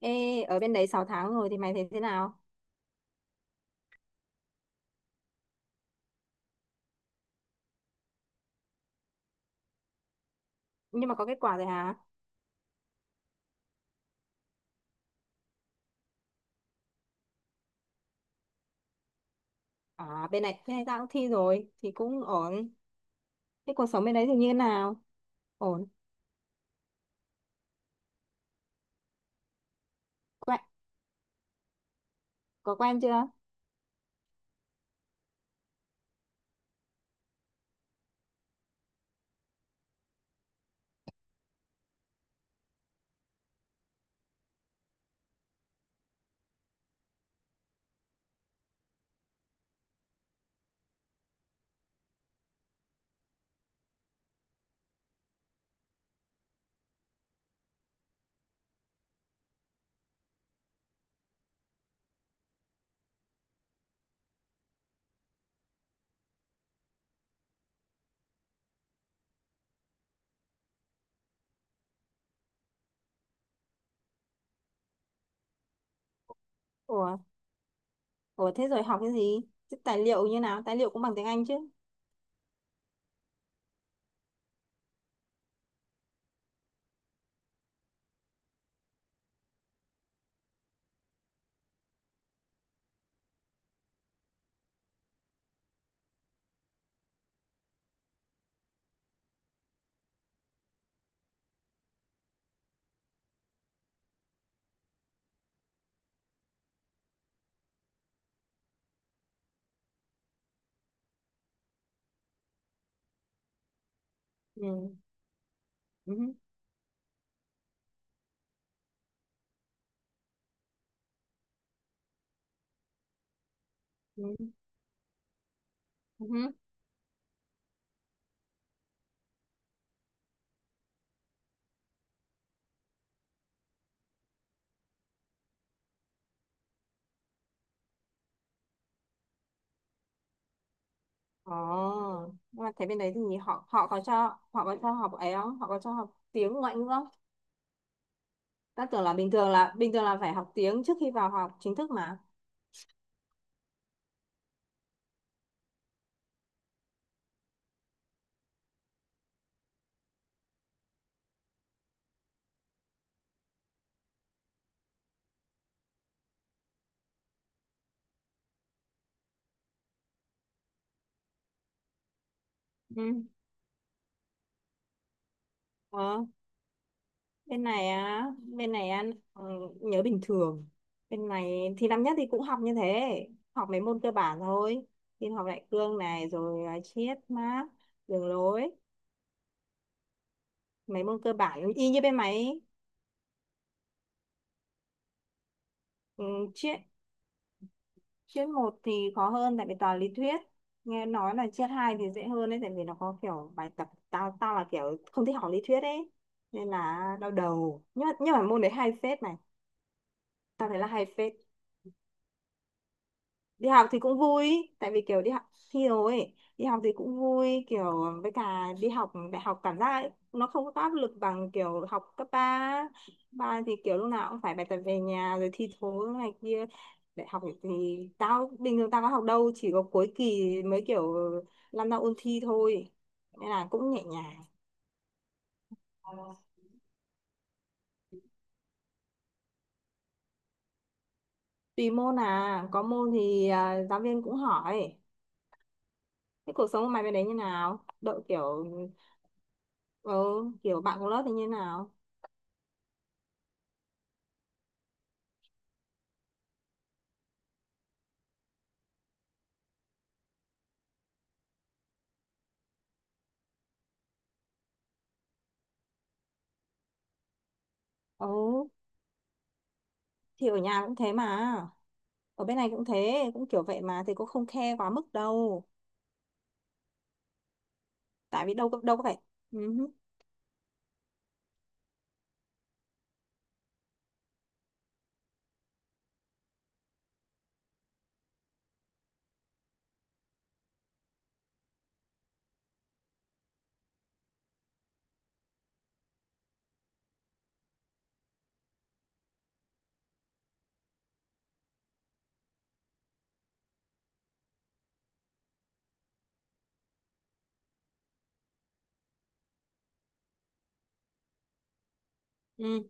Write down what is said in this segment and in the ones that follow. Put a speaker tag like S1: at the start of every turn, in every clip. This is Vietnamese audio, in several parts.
S1: Ê, ở bên đấy 6 tháng rồi thì mày thấy thế nào? Nhưng mà có kết quả rồi hả? À, bên này tao cũng thi rồi, thì cũng ổn. Thế cuộc sống bên đấy thì như thế nào? Ổn. Quen, có quen chưa? Ủa, ủa, thế rồi học cái gì? Thế tài liệu như nào? Tài liệu cũng bằng tiếng Anh chứ? Ừ. Ừ. Ừ. Ừ. Ồ, nhưng mà thế bên đấy thì họ họ có cho học ấy không? Họ có cho học tiếng ngoại ngữ không? Tao tưởng là bình thường là phải học tiếng trước khi vào học chính thức mà. Ừ. Ờ. bên này á bên này á, ừ, nhớ bình thường. Bên này thì năm nhất thì cũng học như thế, học mấy môn cơ bản thôi: tin học đại cương này, rồi à, triết Mác, đường lối, mấy môn cơ bản y như bên máy. Ừ, triết triết một thì khó hơn tại vì toàn lý thuyết. Nghe nói là triết hai thì dễ hơn đấy, tại vì nó có kiểu bài tập. Tao tao là kiểu không thích học lý thuyết ấy, nên là đau đầu. Nhưng mà môn đấy hay phết này, tao thấy là hay phết. Đi học thì cũng vui, tại vì kiểu đi học thi rồi ấy, đi học thì cũng vui kiểu. Với cả đi học đại học cảm giác ấy, nó không có áp lực bằng kiểu học cấp ba. Ba thì kiểu lúc nào cũng phải bài tập về nhà, rồi thi thố này kia. Đại học thì tao bình thường tao có học đâu, chỉ có cuối kỳ mới kiểu lăn ra ôn thi thôi, nên là cũng nhẹ nhàng. Tùy môn à, có môn thì à, giáo viên cũng hỏi. Thế cuộc sống của mày bên đấy như nào đội kiểu, ờ, kiểu bạn cùng lớp thì như nào? Ừ, thì ở nhà cũng thế mà. Ở bên này cũng thế, cũng kiểu vậy mà, thì cũng không khe quá mức đâu. Tại vì đâu có, đâu có phải. Ừ. Ừ.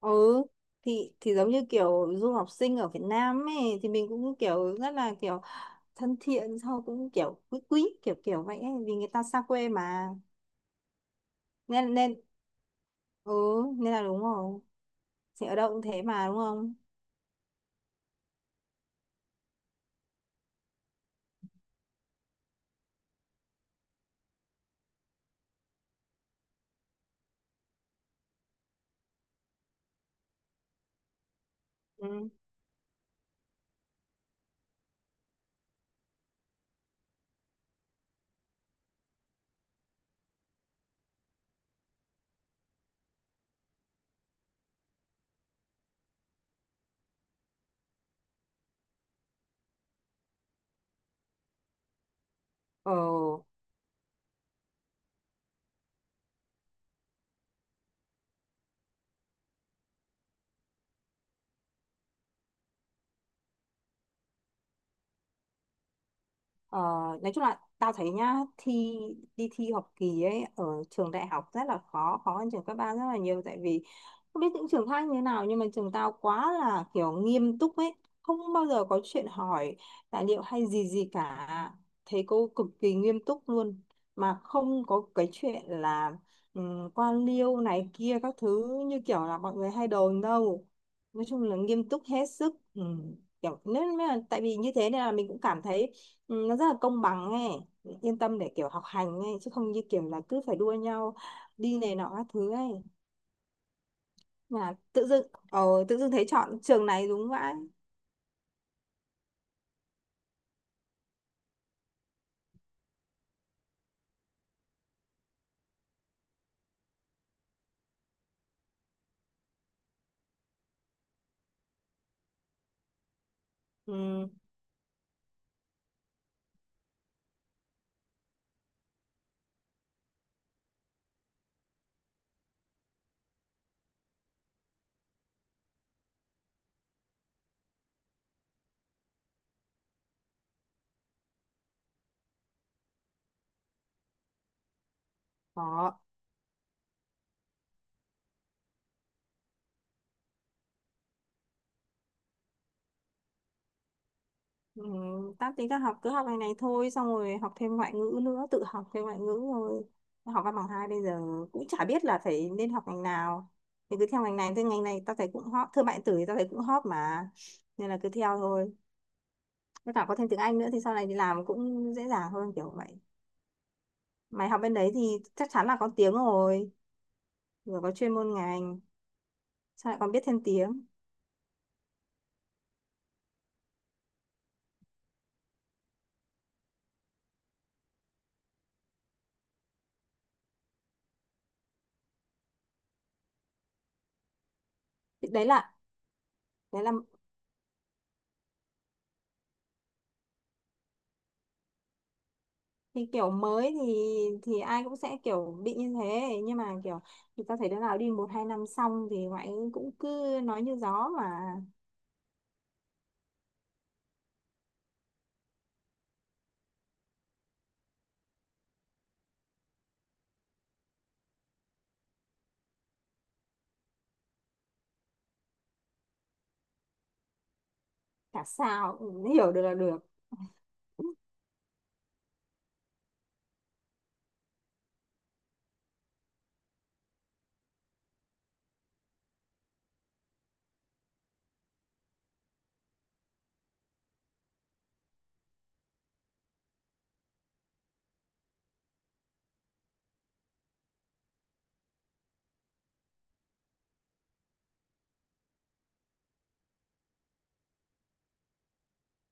S1: Ừ. Thì giống như kiểu du học sinh ở Việt Nam ấy, thì mình cũng kiểu rất là kiểu thân thiện, sau cũng kiểu quý quý kiểu kiểu vậy ấy, vì người ta xa quê mà. Nên nên ừ, nên là đúng rồi. Thì ở đâu cũng thế mà, đúng không? Ừ. Ừ. Ờ, nói chung là tao thấy nhá, đi thi học kỳ ấy ở trường đại học rất là khó khó hơn trường cấp ba rất là nhiều. Tại vì không biết những trường khác như thế nào, nhưng mà trường tao quá là kiểu nghiêm túc ấy, không bao giờ có chuyện hỏi tài liệu hay gì gì cả, thầy cô cực kỳ nghiêm túc luôn, mà không có cái chuyện là quan liêu này kia các thứ như kiểu là mọi người hay đồn đâu. Nói chung là nghiêm túc hết sức. Ừ, kiểu nên là tại vì như thế nên là mình cũng cảm thấy, ừ, nó rất là công bằng ấy, yên tâm để kiểu học hành ấy, chứ không như kiểu là cứ phải đua nhau đi này nọ các thứ ấy. Mà tự dưng tự dưng thấy chọn trường này đúng vậy. Ừ, có. Ừ, tao tính tao học cứ học này này thôi, xong rồi học thêm ngoại ngữ nữa, tự học thêm ngoại ngữ rồi. Tao học văn bằng hai bây giờ cũng chả biết là phải nên học ngành nào, thì cứ theo ngành này, thì ngành này tao thấy cũng hot, thương mại điện tử thì tao thấy cũng hot mà, nên là cứ theo thôi. Với cả có thêm tiếng Anh nữa thì sau này đi làm cũng dễ dàng hơn kiểu vậy. Mày học bên đấy thì chắc chắn là có tiếng rồi, vừa có chuyên môn ngành, sao lại còn biết thêm tiếng. Thì đấy là đấy là thì kiểu mới, thì ai cũng sẽ kiểu bị như thế, nhưng mà kiểu thì tao thấy đứa nào đi một hai năm xong thì ngoại ngữ cũng cứ nói như gió mà. Chả sao, cũng hiểu được là được.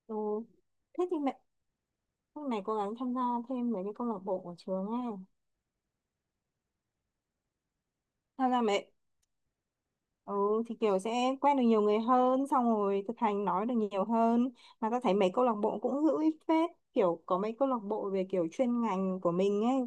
S1: Ừ. Thế thì mẹ lúc này cố gắng tham gia thêm mấy cái câu lạc bộ của trường ấy, tham gia mấy. Ừ thì kiểu sẽ quen được nhiều người hơn, xong rồi thực hành nói được nhiều hơn. Mà ta thấy mấy câu lạc bộ cũng hữu ích phết, kiểu có mấy câu lạc bộ về kiểu chuyên ngành của mình ấy,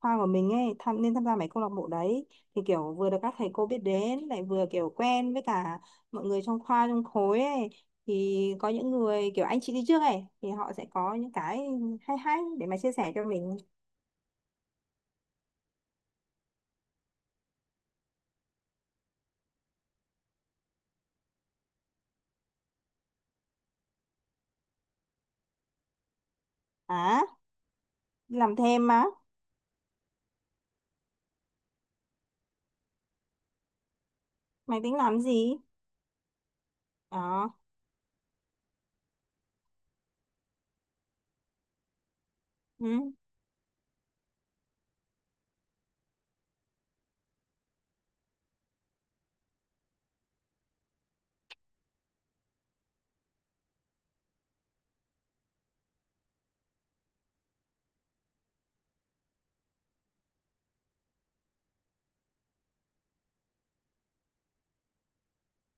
S1: khoa của mình ấy, tham nên tham gia mấy câu lạc bộ đấy, thì kiểu vừa được các thầy cô biết đến, lại vừa kiểu quen với cả mọi người trong khoa trong khối ấy, thì có những người kiểu anh chị đi trước ấy thì họ sẽ có những cái hay hay để mà chia sẻ cho mình. À, làm thêm á? Mày tính làm gì? Ờ. Ừ.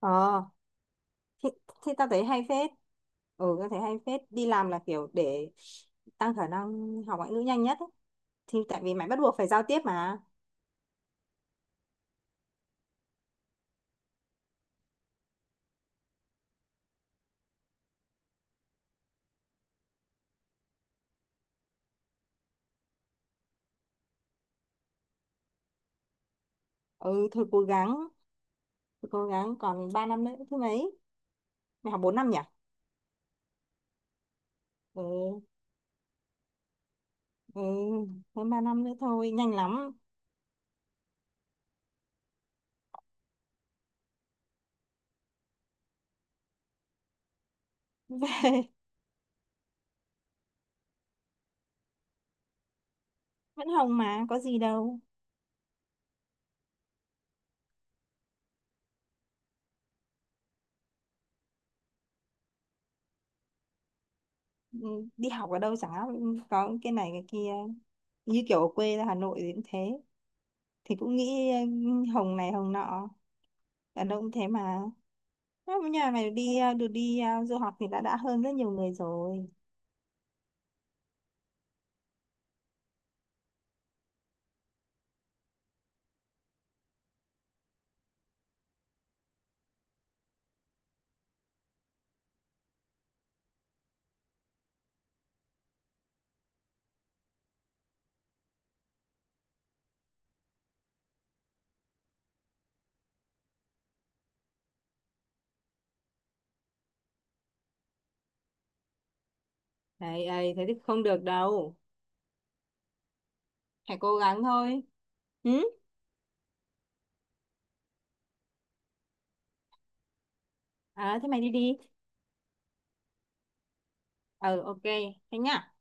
S1: Ờ, thì, thì tao thấy hay phết. Ừ, tao thấy hay phết, đi làm là kiểu để tăng khả năng học ngoại ngữ nhanh nhất ấy, thì tại vì mày bắt buộc phải giao tiếp mà. Ừ, thôi cố gắng, thôi cố gắng, còn 3 năm nữa thứ mấy? Mày học 4 năm nhỉ? Ừ. Ừ. Hơn 3 năm nữa thôi, nhanh lắm. Vẫn hồng mà có gì đâu. Ừ, đi học ở đâu chẳng có cái này cái kia, như kiểu ở quê ra Hà Nội thì cũng thế, thì cũng nghĩ ừ, hồng này hồng nọ, đàn ông cũng thế mà. Nếu mà nhà mày được đi du học thì đã hơn rất nhiều người rồi. Ấy ấy thế thì không được đâu, hãy cố gắng thôi. Ừ? À, thế mày đi đi. Ờ, ok. Thế nhá.